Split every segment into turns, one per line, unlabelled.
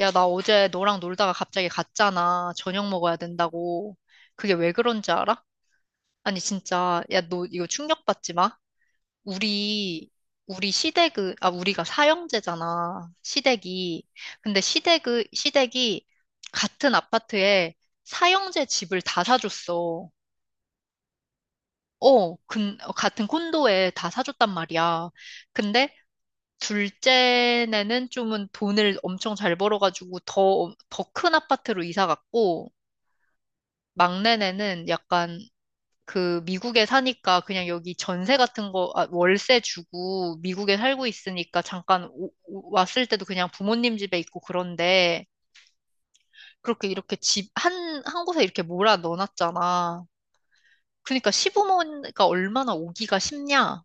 야, 나 어제 너랑 놀다가 갑자기 갔잖아. 저녁 먹어야 된다고. 그게 왜 그런지 알아? 아니, 진짜. 야, 너 이거 충격받지 마. 우리, 우리 시댁은, 아, 우리가 사형제잖아. 시댁이. 근데 시댁이 같은 아파트에 사형제 집을 다 사줬어. 어, 같은 콘도에 다 사줬단 말이야. 근데 둘째는 좀은 돈을 엄청 잘 벌어가지고 더 큰 아파트로 이사 갔고, 막내네는 약간 그 미국에 사니까 그냥 여기 전세 같은 거, 아, 월세 주고 미국에 살고 있으니까 잠깐 왔을 때도 그냥 부모님 집에 있고 그런데 그렇게 이렇게 한 곳에 이렇게 몰아 넣어놨잖아. 그러니까 시부모가 얼마나 오기가 쉽냐.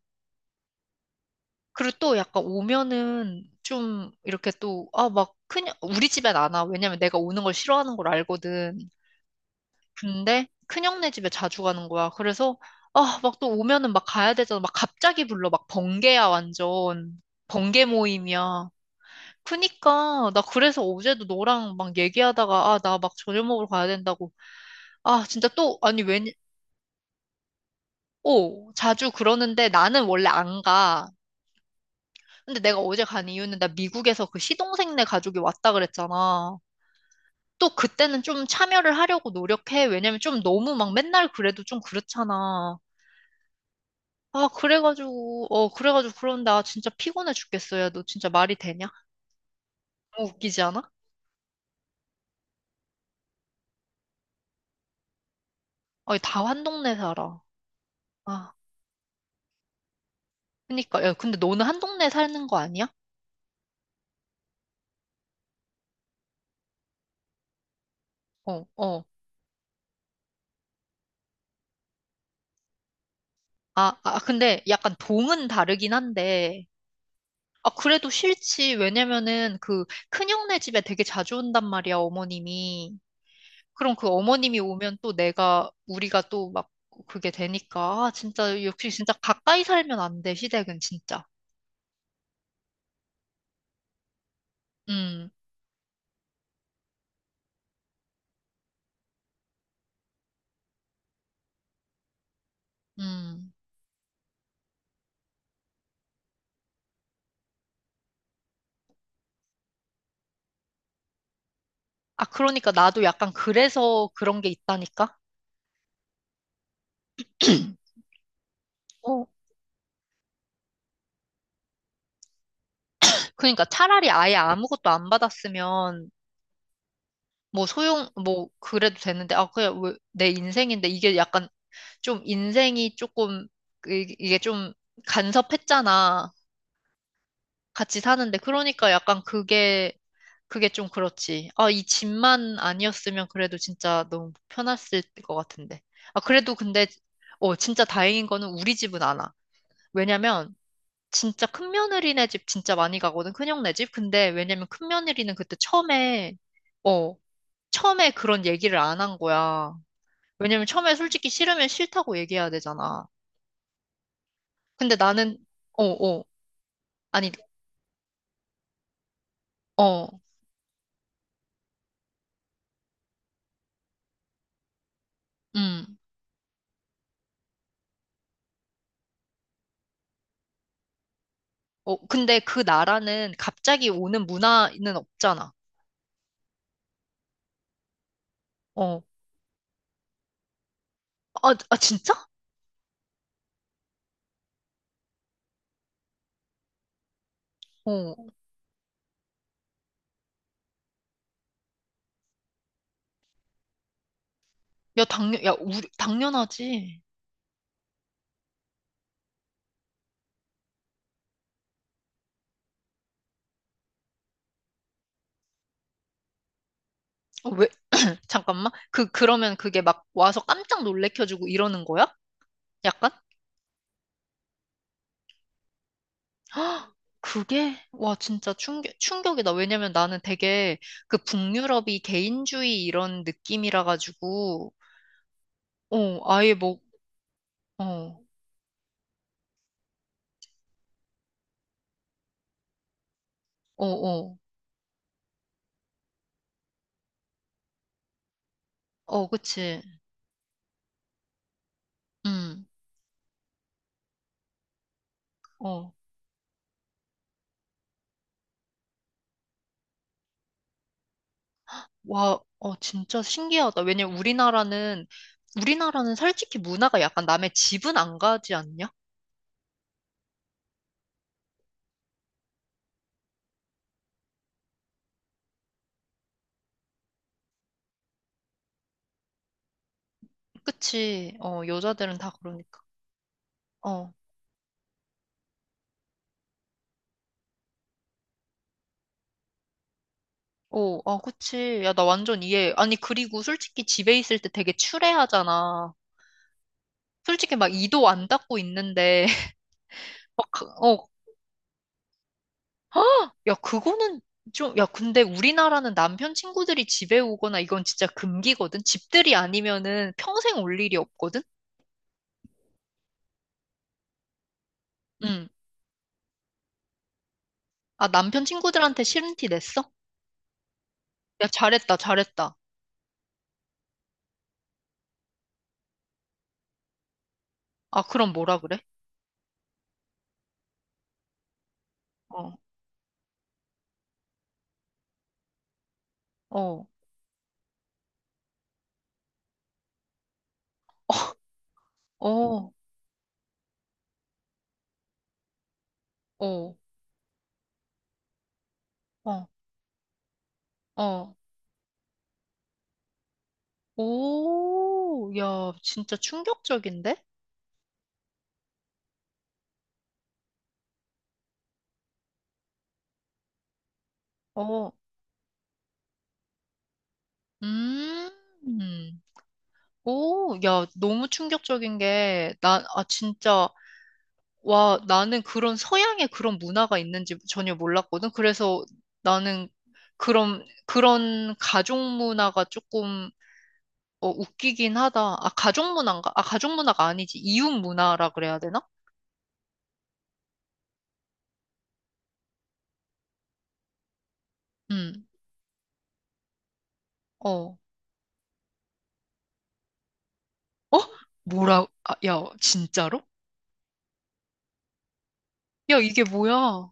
그리고 또 약간 오면은 좀 이렇게 막 그냥, 우리 집엔 안 와. 왜냐면 내가 오는 걸 싫어하는 걸 알거든. 근데 큰형네 집에 자주 가는 거야. 그래서 아, 막 또 오면은 막 가야 되잖아. 막 갑자기 불러. 막 번개야, 완전. 번개 모임이야. 그니까 나 그래서 어제도 너랑 막 얘기하다가 아, 나 막 저녁 먹으러 가야 된다고. 아, 진짜 또 아니 왠 오, 자주 그러는데 나는 원래 안 가. 근데 내가 어제 간 이유는 나 미국에서 그 시동생네 가족이 왔다 그랬잖아. 또 그때는 좀 참여를 하려고 노력해. 왜냐면 좀 너무 막 맨날 그래도 좀 그렇잖아. 아, 그래가지고 그런데 아, 진짜 피곤해 죽겠어. 야, 너 진짜 말이 되냐? 너무 웃기지 않아? 아니, 다 한 동네 살아. 아, 그니까. 야, 근데 너는 한 동네 사는 거 아니야? 어, 어. 근데 약간 동은 다르긴 한데. 아, 그래도 싫지. 왜냐면은 그 큰형네 집에 되게 자주 온단 말이야, 어머님이. 그럼 그 어머님이 오면 또 내가, 우리가 또 막 그게 되니까. 아, 진짜, 역시 진짜 가까이 살면 안 돼, 시댁은 진짜. 음, 음. 아, 그러니까 나도 약간 그래서 그런 게 있다니까? 어. 그러니까 차라리 아예 아무것도 안 받았으면 뭐 소용, 뭐 그래도 되는데, 아, 그냥 왜, 내 인생인데 이게 약간 좀 인생이 조금, 이게 좀 간섭했잖아. 같이 사는데. 그러니까 약간 그게 좀 그렇지. 아, 이 집만 아니었으면 그래도 진짜 너무 편했을 것 같은데. 아, 그래도 근데, 어, 진짜 다행인 거는 우리 집은 안 와. 왜냐면, 진짜 큰 며느리네 집 진짜 많이 가거든, 큰형네 집. 근데 왜냐면 큰 며느리는 그때 처음에, 어, 처음에 그런 얘기를 안 한 거야. 왜냐면 처음에 솔직히 싫으면 싫다고 얘기해야 되잖아. 근데 나는, 어, 어, 아니, 어, 음, 어, 근데 그 나라는 갑자기 오는 문화는 없잖아. 어, 아, 아, 진짜? 어, 야, 당연, 야, 우리, 당연하지. 어, 왜, 잠깐만. 그러면 그게 막 와서 깜짝 놀래켜주고 이러는 거야? 약간? 헉, 그게? 와, 진짜 충격이다. 왜냐면 나는 되게 그 북유럽이 개인주의 이런 느낌이라 가지고, 어, 아예 뭐, 어, 어, 어, 어, 그치. 음, 어, 와, 어, 진짜 신기하다. 왜냐면 우리나라는 솔직히 문화가 약간 남의 집은 안 가지 않냐? 그치. 어, 여자들은 다 그러니까. 어. 어, 아, 그치. 야, 나 완전 이해. 아니, 그리고 솔직히 집에 있을 때 되게 추레하잖아. 솔직히 막 이도 안 닦고 있는데, 막, 그- 어, 헉! 야, 그거는 좀, 야, 근데 우리나라는 남편 친구들이 집에 오거나 이건 진짜 금기거든? 집들이 아니면은 평생 올 일이 없거든? 응. 아, 남편 친구들한테 싫은 티 냈어? 야, 잘했다, 잘했다. 아, 그럼 뭐라 그래? 어, 어, 어, 어, 어, 어. 오, 야, 진짜 충격적인데? 어, 음. 오, 야, 너무 충격적인 게, 나, 아, 진짜, 와, 나는 그런 서양의 그런 문화가 있는지 전혀 몰랐거든. 그래서 나는 그런 가족 문화가 조금, 어, 웃기긴 하다. 아, 가족 문화인가? 아, 가족 문화가 아니지. 이웃 문화라 그래야 되나? 음, 어. 어? 뭐라, 아, 야, 진짜로? 야, 이게 뭐야?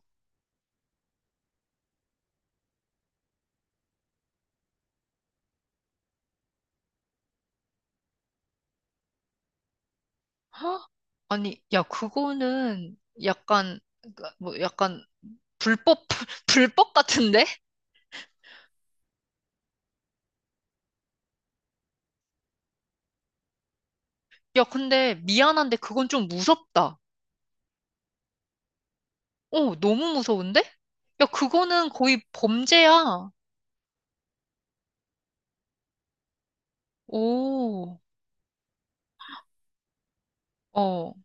헉? 아니, 야, 그거는 약간, 그, 뭐, 약간, 불법, 불법 같은데? 야, 근데 미안한데 그건 좀 무섭다. 어, 너무 무서운데? 야, 그거는 거의 범죄야. 오, 어,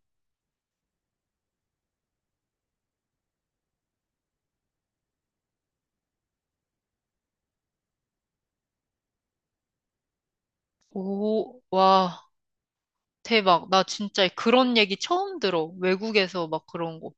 오, 와, 대박. 나 진짜 그런 얘기 처음 들어. 외국에서 막 그런 거.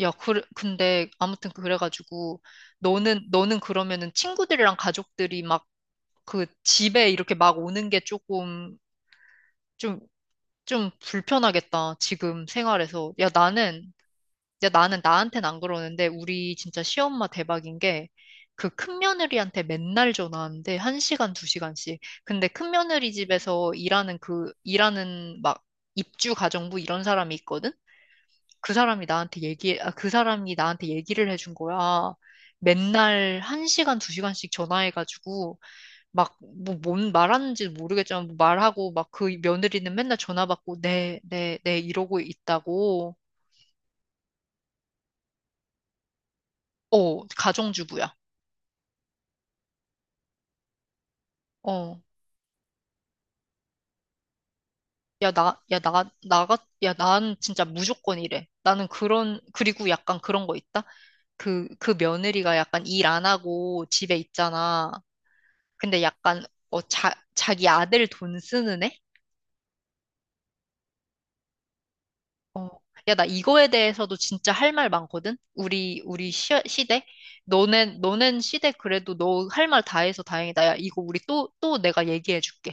야, 그래, 근데 아무튼 그래가지고 너는 그러면은 친구들이랑 가족들이 막 그 집에 이렇게 막 오는 게 조금 좀, 좀 불편하겠다. 지금 생활에서. 야, 나는 이제 나는 나한텐 안 그러는데 우리 진짜 시엄마 대박인 게 그 큰며느리한테 맨날 전화하는데 한시간두시간씩 근데 큰며느리 집에서 일하는 그 일하는 막 입주 가정부 이런 사람이 있거든? 그 사람이 나한테 얘기 아, 그 사람이 나한테 얘기를 해준 거야. 맨날 한시간두시간씩 전화해가지고 막 뭐 뭔 말하는지 모르겠지만 뭐 말하고 막 그 며느리는 맨날 전화 받고 네, 네, 네 이러고 있다고. 어, 가정주부야. 어. 야, 야, 난 진짜 무조건 이래. 나는 그런, 그리고 약간 그런 거 있다? 그 며느리가 약간 일 안 하고 집에 있잖아. 근데 약간, 어, 자기 아들 돈 쓰는 애? 어. 야, 나 이거에 대해서도 진짜 할 말 많거든? 우리 시대? 너넨 시대 그래도 너 할 말 다 해서 다행이다. 야, 이거 우리 또 내가 얘기해 줄게.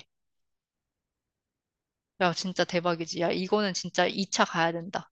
야, 진짜 대박이지. 야, 이거는 진짜 2차 가야 된다.